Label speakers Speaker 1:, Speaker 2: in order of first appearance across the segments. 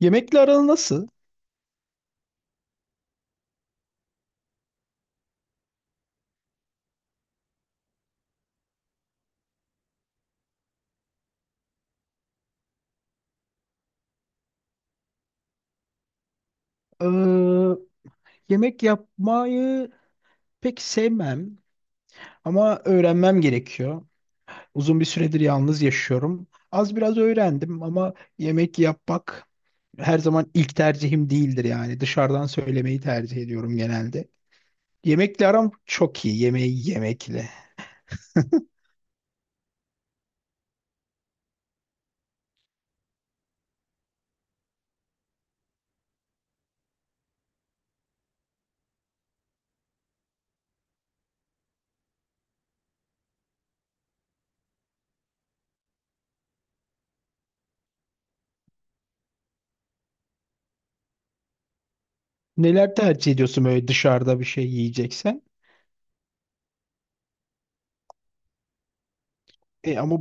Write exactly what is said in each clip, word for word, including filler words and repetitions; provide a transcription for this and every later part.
Speaker 1: Yemekle aran nasıl? Ee, Yemek yapmayı pek sevmem ama öğrenmem gerekiyor. Uzun bir süredir yalnız yaşıyorum. Az biraz öğrendim ama yemek yapmak her zaman ilk tercihim değildir yani. Dışarıdan söylemeyi tercih ediyorum genelde. Yemekle aram çok iyi. Yemeği yemekle. Neler tercih ediyorsun böyle dışarıda bir şey yiyeceksen? E ama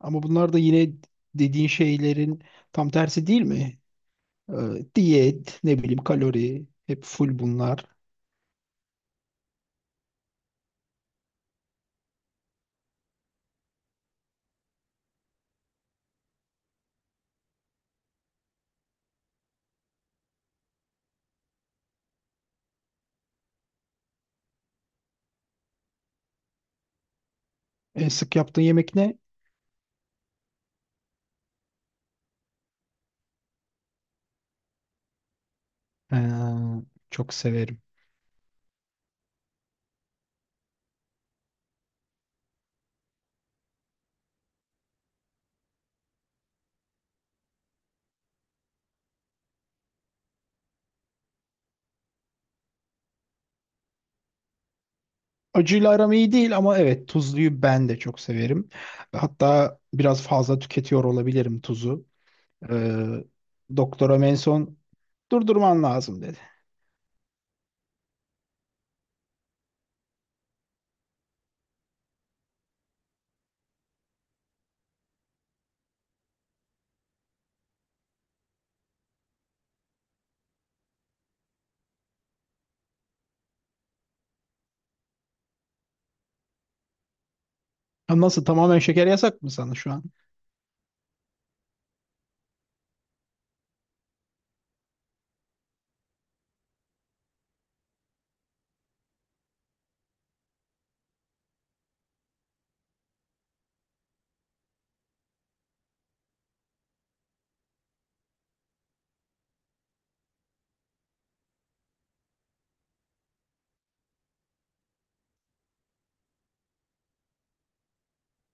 Speaker 1: ama bunlar da yine dediğin şeylerin tam tersi değil mi? Ee, Diyet, ne bileyim kalori, hep full bunlar. En sık yaptığın yemek ne? Ee, Çok severim. Acıyla aram iyi değil ama evet tuzluyu ben de çok severim. Hatta biraz fazla tüketiyor olabilirim tuzu. Ee, Doktoram en son durdurman lazım dedi. Ha, nasıl tamamen şeker yasak mı sana şu an?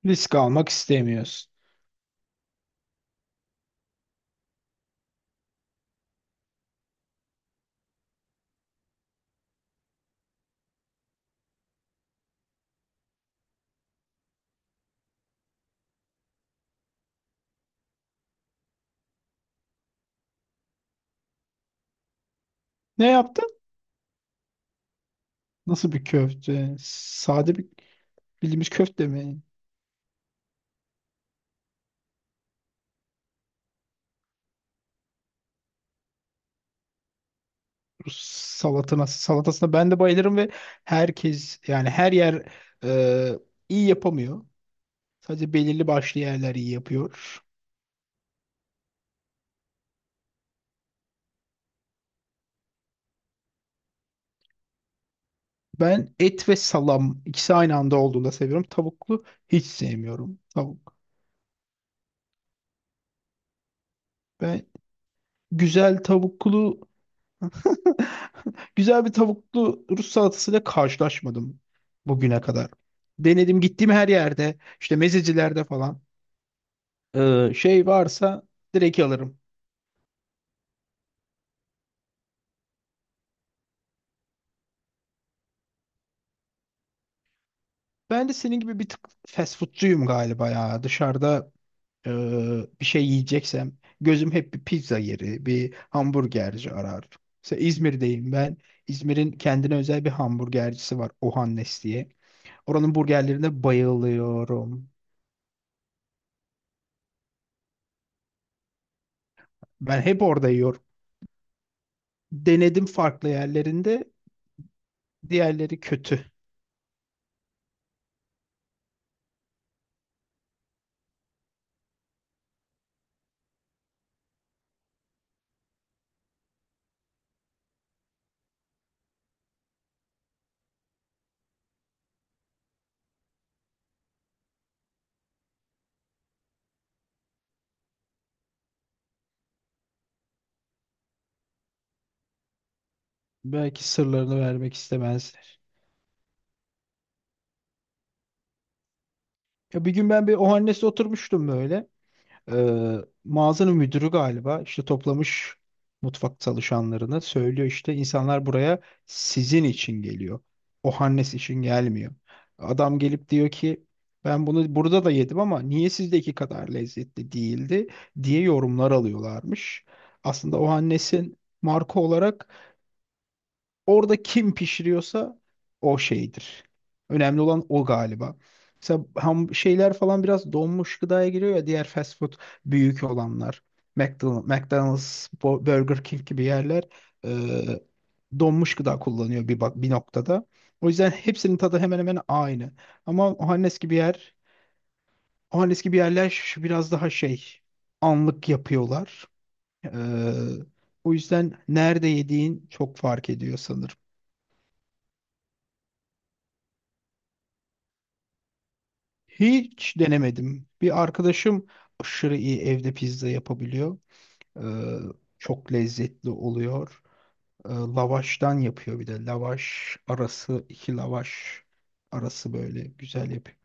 Speaker 1: Risk almak istemiyorsun. Ne yaptın? Nasıl bir köfte? Sade bir bildiğimiz köfte mi? Rus salatına, salatasına ben de bayılırım ve herkes yani her yer e, iyi yapamıyor. Sadece belirli başlı yerler iyi yapıyor. Ben et ve salam ikisi aynı anda olduğunda seviyorum. Tavuklu hiç sevmiyorum. Tavuk. Ben güzel tavuklu güzel bir tavuklu Rus salatasıyla karşılaşmadım bugüne kadar. Denedim gittiğim her yerde işte mezecilerde falan e, şey varsa direkt alırım. Ben de senin gibi bir tık fast foodcuyum galiba ya. Dışarıda Ee, bir şey yiyeceksem gözüm hep bir pizza yeri, bir hamburgerci arar. Mesela İzmir'deyim ben. İzmir'in kendine özel bir hamburgercisi var Ohannes diye. Oranın burgerlerine bayılıyorum. Ben hep orada yiyorum. Denedim farklı yerlerinde. Diğerleri kötü. Belki sırlarını vermek istemezler. Ya bir gün ben bir Ohannes'te oturmuştum böyle. Ee, Mağazanın müdürü galiba işte toplamış mutfak çalışanlarını söylüyor işte insanlar buraya sizin için geliyor. O Hannes için gelmiyor. Adam gelip diyor ki ben bunu burada da yedim ama niye sizdeki kadar lezzetli değildi diye yorumlar alıyorlarmış. Aslında o Hannes'in marka olarak orada kim pişiriyorsa o şeydir. Önemli olan o galiba. Mesela ham şeyler falan biraz donmuş gıdaya giriyor ya diğer fast food büyük olanlar. McDonald's, McDonald's, Bo- Burger King gibi yerler e, donmuş gıda kullanıyor bir bak bir noktada. O yüzden hepsinin tadı hemen hemen aynı. Ama Ohannes gibi yer, Ohannes gibi yerler şu- biraz daha şey anlık yapıyorlar. E, O yüzden nerede yediğin çok fark ediyor sanırım. Hiç denemedim. Bir arkadaşım aşırı iyi evde pizza yapabiliyor. Ee, Çok lezzetli oluyor. Ee, lavaştan yapıyor bir de. Lavaş arası, iki lavaş arası böyle güzel yapıyor.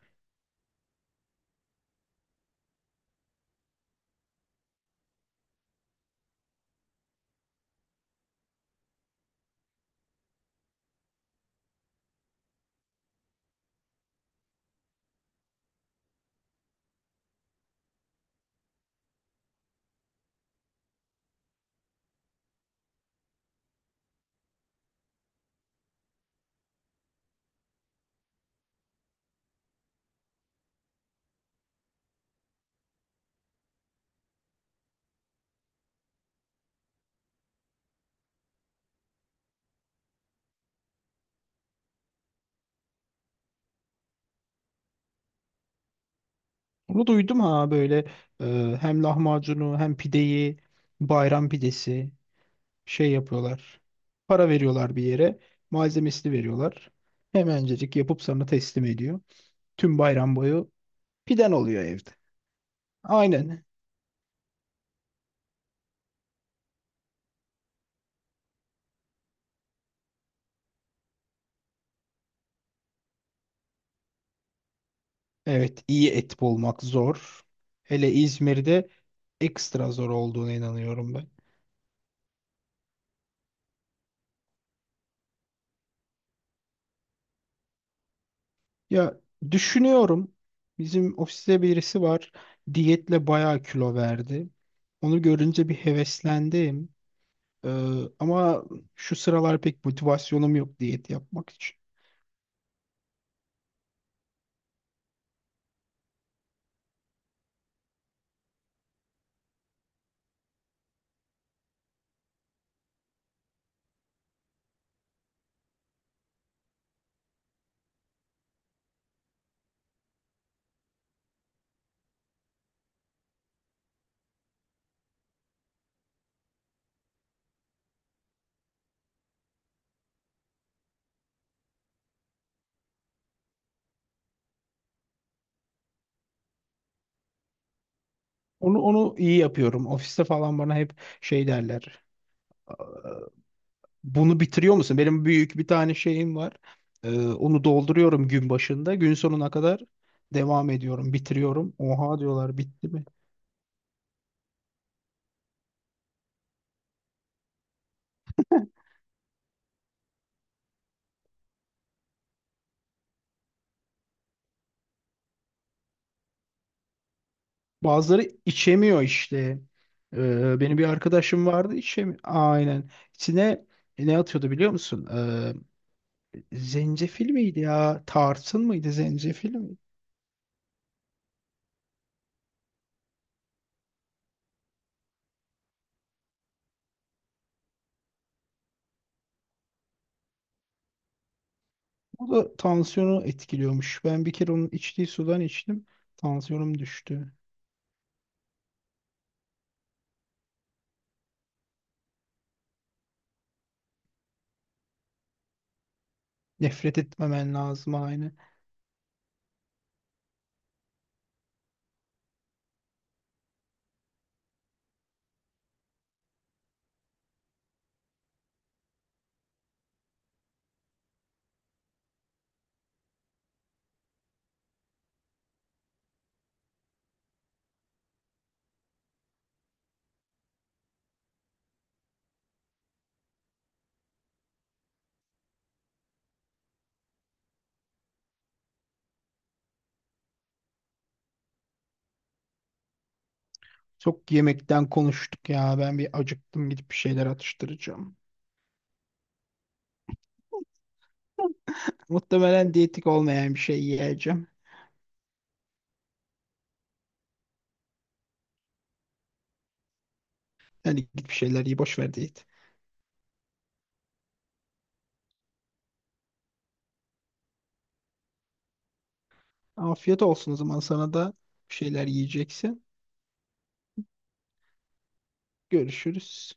Speaker 1: Onu duydum ha böyle e, hem lahmacunu hem pideyi bayram pidesi şey yapıyorlar. Para veriyorlar bir yere. Malzemesini veriyorlar. Hemencecik yapıp sana teslim ediyor. Tüm bayram boyu piden oluyor evde. Aynen. Evet, iyi et bulmak zor. Hele İzmir'de ekstra zor olduğuna inanıyorum ben. Ya düşünüyorum. Bizim ofiste birisi var. Diyetle bayağı kilo verdi. Onu görünce bir heveslendim. Ee, Ama şu sıralar pek motivasyonum yok diyet yapmak için. Onu onu iyi yapıyorum. Ofiste falan bana hep şey derler. Bunu bitiriyor musun? Benim büyük bir tane şeyim var. Ee, onu dolduruyorum gün başında. Gün sonuna kadar devam ediyorum, bitiriyorum. Oha diyorlar bitti mi? Bazıları içemiyor işte. Ee, benim bir arkadaşım vardı içemiyor. Aynen. İçine ne atıyordu biliyor musun? Ee, zencefil miydi ya? Tarçın mıydı? Zencefil mi? O da tansiyonu etkiliyormuş. Ben bir kere onun içtiği sudan içtim. Tansiyonum düştü. Nefret etmemen lazım aynı. Çok yemekten konuştuk ya. Ben bir acıktım gidip bir şeyler atıştıracağım. Muhtemelen diyetik olmayan bir şey yiyeceğim. Hani git bir şeyler ye boş ver diyet. Afiyet olsun o zaman sana da bir şeyler yiyeceksin. Görüşürüz.